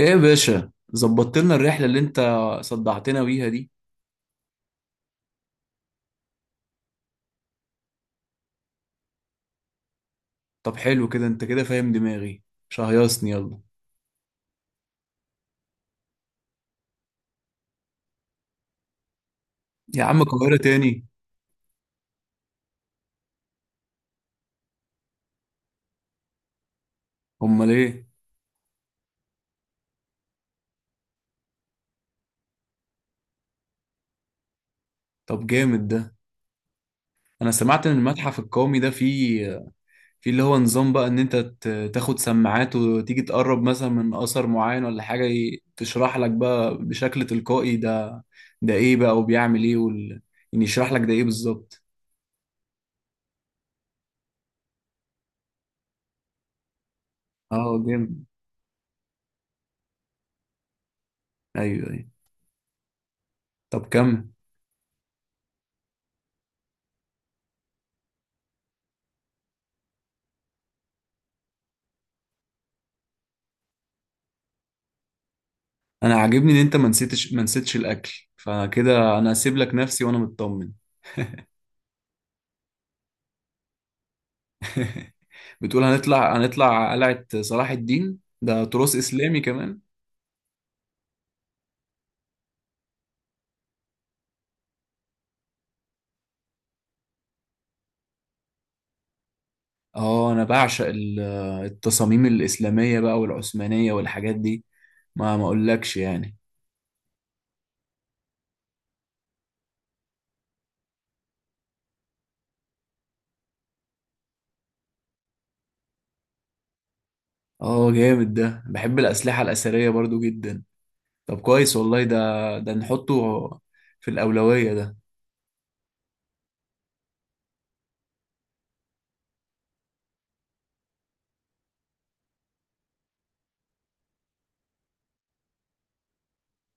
ايه يا باشا، ظبطت لنا الرحلة اللي انت صدعتنا بيها دي؟ طب حلو كده، انت كده فاهم دماغي. شهيصني يلا. يا عم، القاهرة تاني؟ امال ايه؟ طب جامد ده. انا سمعت ان المتحف القومي ده فيه اللي هو نظام بقى ان انت تاخد سماعات وتيجي تقرب مثلا من اثر معين ولا حاجة تشرح لك بقى بشكل تلقائي ده ايه بقى وبيعمل ايه يعني يشرح لك ده ايه بالظبط؟ اه جامد. ايوه، ايوه. طب كمل. انا عاجبني ان انت ما نسيتش الاكل، فكده انا هسيب لك نفسي وانا مطمن. بتقول هنطلع قلعة صلاح الدين، ده تراث اسلامي كمان؟ اه، انا بعشق التصاميم الاسلامية بقى والعثمانية والحاجات دي. ما اقولكش يعني. اه جامد ده، بحب الاسلحة الاثرية برضو جدا. طب كويس والله ده نحطه في الاولوية ده.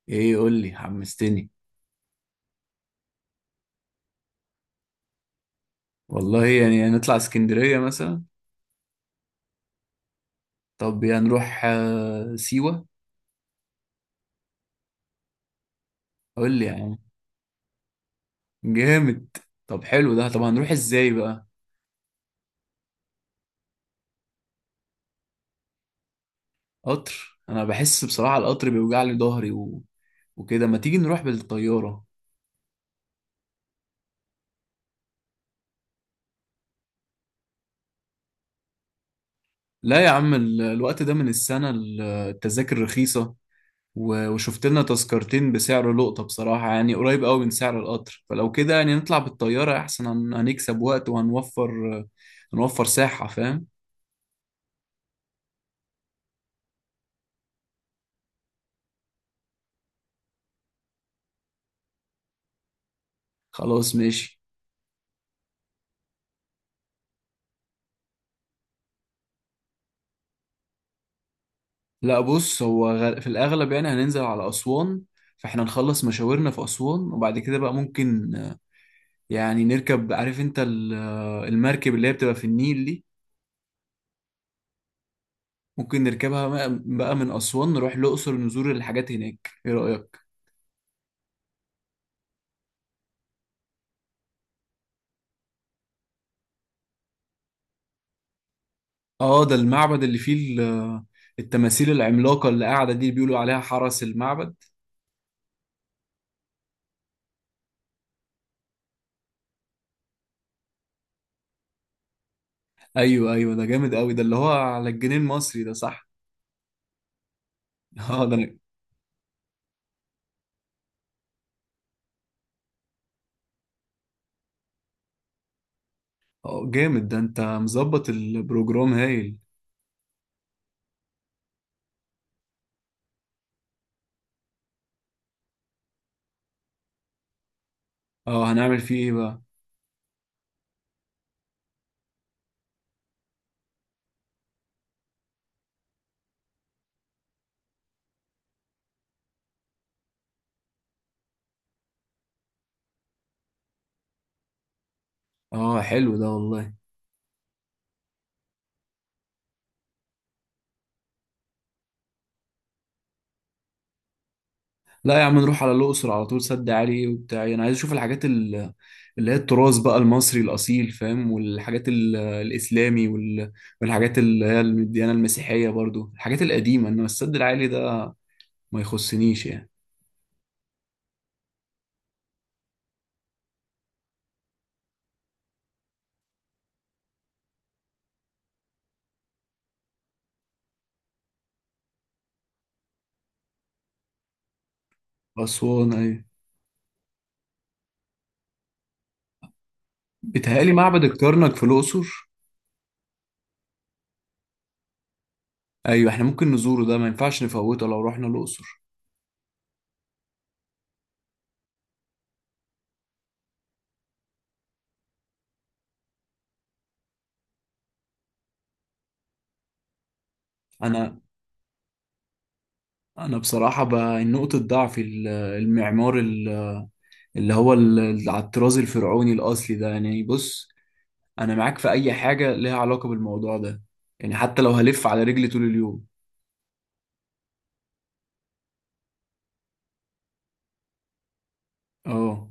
ايه؟ يقول لي، حمستني. والله يعني نطلع اسكندرية مثلا؟ طب يعني نروح سيوة؟ قول لي يا عم. جامد. طب حلو ده. طب هنروح ازاي بقى؟ قطر؟ انا بحس بصراحة القطر بيوجع لي ظهري وكده، ما تيجي نروح بالطيارة؟ لا يا عم، الوقت ده من السنة، التذاكر رخيصة. وشفت لنا تذكرتين بسعر لقطة بصراحة، يعني قريب قوي من سعر القطر، فلو كده يعني نطلع بالطيارة احسن. هنكسب وقت وهنوفر. هنوفر ساحة، فاهم؟ خلاص ماشي. لا بص، هو في الأغلب يعني هننزل على أسوان. فاحنا نخلص مشاورنا في أسوان، وبعد كده بقى ممكن يعني نركب، عارف انت المركب اللي هي بتبقى في النيل دي. ممكن نركبها بقى من أسوان، نروح الأقصر نزور الحاجات هناك، ايه رأيك؟ اه، ده المعبد اللي فيه ال- التماثيل العملاقة اللي قاعدة دي، بيقولوا عليها حرس المعبد. ايوه، ايوه، ده جامد قوي. ده اللي هو على الجنيه المصري ده، صح؟ اه، ده اه جامد ده، انت مظبط البروجرام هايل. اه، هنعمل فيه ايه بقى؟ اه حلو ده والله. لا يا عم، نروح على الأقصر على طول. سد عالي وبتاع، أنا عايز أشوف الحاجات اللي هي التراث بقى المصري الأصيل، فاهم؟ والحاجات الإسلامي والحاجات اللي هي الديانة المسيحية برضو، الحاجات القديمة. إنما السد العالي ده ما يخصنيش يعني. أسوان، أيوة. بيتهيألي معبد الكرنك في الأقصر. أيوة، إحنا ممكن نزوره ده، ما ينفعش نفوته لو رحنا الأقصر. أنا أنا بصراحة بقى نقطة ضعف المعمار، اللي هو على الطراز الفرعوني الأصلي ده، يعني بص. انا معاك في اي حاجه ليها علاقه بالموضوع ده. يعني حتى لو هلف على رجلي طول اليوم. اه.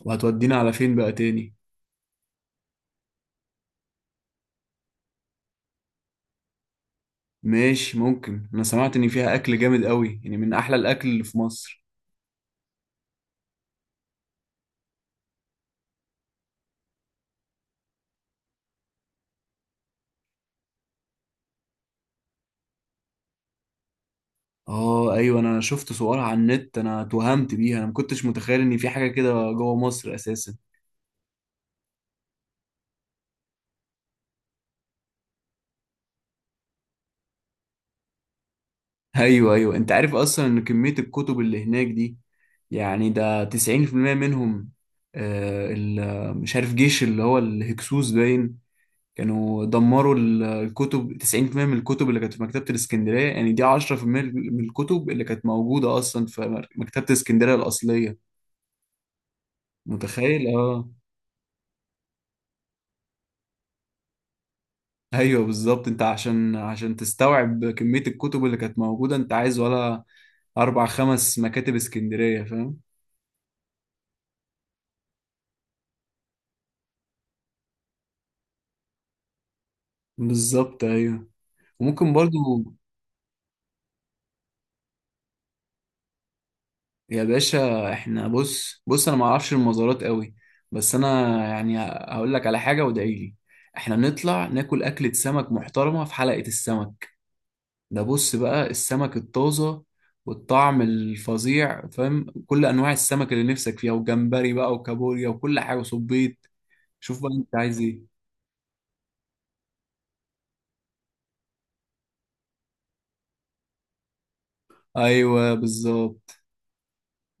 وهتودينا على فين بقى تاني؟ ماشي ممكن. انا سمعت ان فيها اكل جامد قوي، يعني من احلى الاكل اللي في مصر. اه ايوه، انا شفت صورها على النت، انا اتوهمت بيها، انا ما كنتش متخيل ان في حاجه كده جوه مصر اساسا. ايوه، ايوه، انت عارف اصلا ان كميه الكتب اللي هناك دي، يعني ده 90% منهم. مش عارف، جيش اللي هو الهكسوس باين كانوا دمروا الكتب، 90% من الكتب اللي كانت في مكتبة الإسكندرية، يعني دي 10% من الكتب اللي كانت موجودة أصلا في مكتبة الإسكندرية الأصلية. متخيل؟ آه. أيوه بالظبط، أنت عشان تستوعب كمية الكتب اللي كانت موجودة، أنت عايز ولا أربع خمس مكاتب إسكندرية، فاهم؟ بالظبط، أيوه. وممكن برضو. يا باشا، احنا بص بص، انا ما اعرفش المزارات قوي. بس انا، يعني هقول لك على حاجه، وادعي لي. احنا نطلع ناكل اكله سمك محترمه في حلقه السمك. ده بص بقى، السمك الطازه والطعم الفظيع، فاهم، كل انواع السمك اللي نفسك فيها، وجمبري بقى وكابوريا وكل حاجه وصبيط. شوف بقى انت عايز ايه. ايوه بالظبط.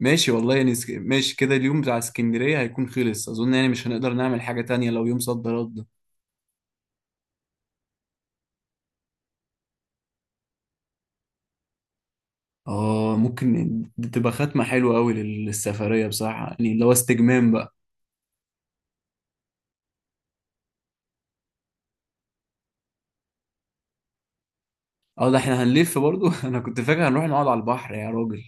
ماشي والله، يعني ماشي كده، اليوم بتاع اسكندريه هيكون خلص اظن، يعني مش هنقدر نعمل حاجه تانية لو يوم، صد رد؟ اه ممكن، دي تبقى ختمة حلوة قوي للسفرية بصراحة، يعني اللي هو استجمام بقى. اه، ده احنا هنلف برضو. انا كنت فاكر هنروح نقعد على البحر يا راجل.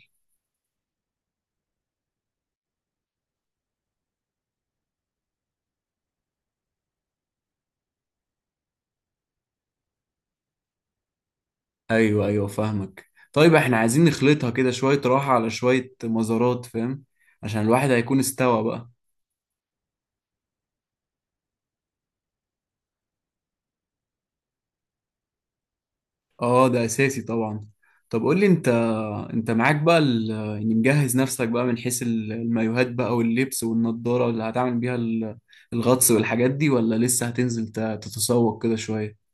ايوه، ايوه، فاهمك. طيب احنا عايزين نخلطها كده، شوية راحة على شوية مزارات، فاهم؟ عشان الواحد هيكون استوى بقى. اه، ده اساسي طبعا. طب قول لي انت، انت معاك بقى يعني مجهز نفسك بقى، من حيث المايوهات بقى واللبس والنضارة اللي هتعمل بيها الغطس والحاجات دي، ولا لسه هتنزل تتسوق كده شوية؟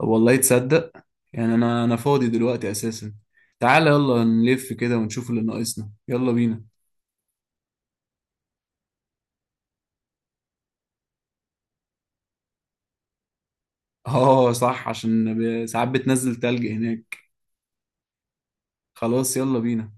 والله تصدق، يعني انا فاضي دلوقتي اساسا. تعالى يلا نلف كده ونشوف اللي ناقصنا، يلا بينا. اه صح، عشان ساعات بتنزل تلج هناك. خلاص، يلا بينا.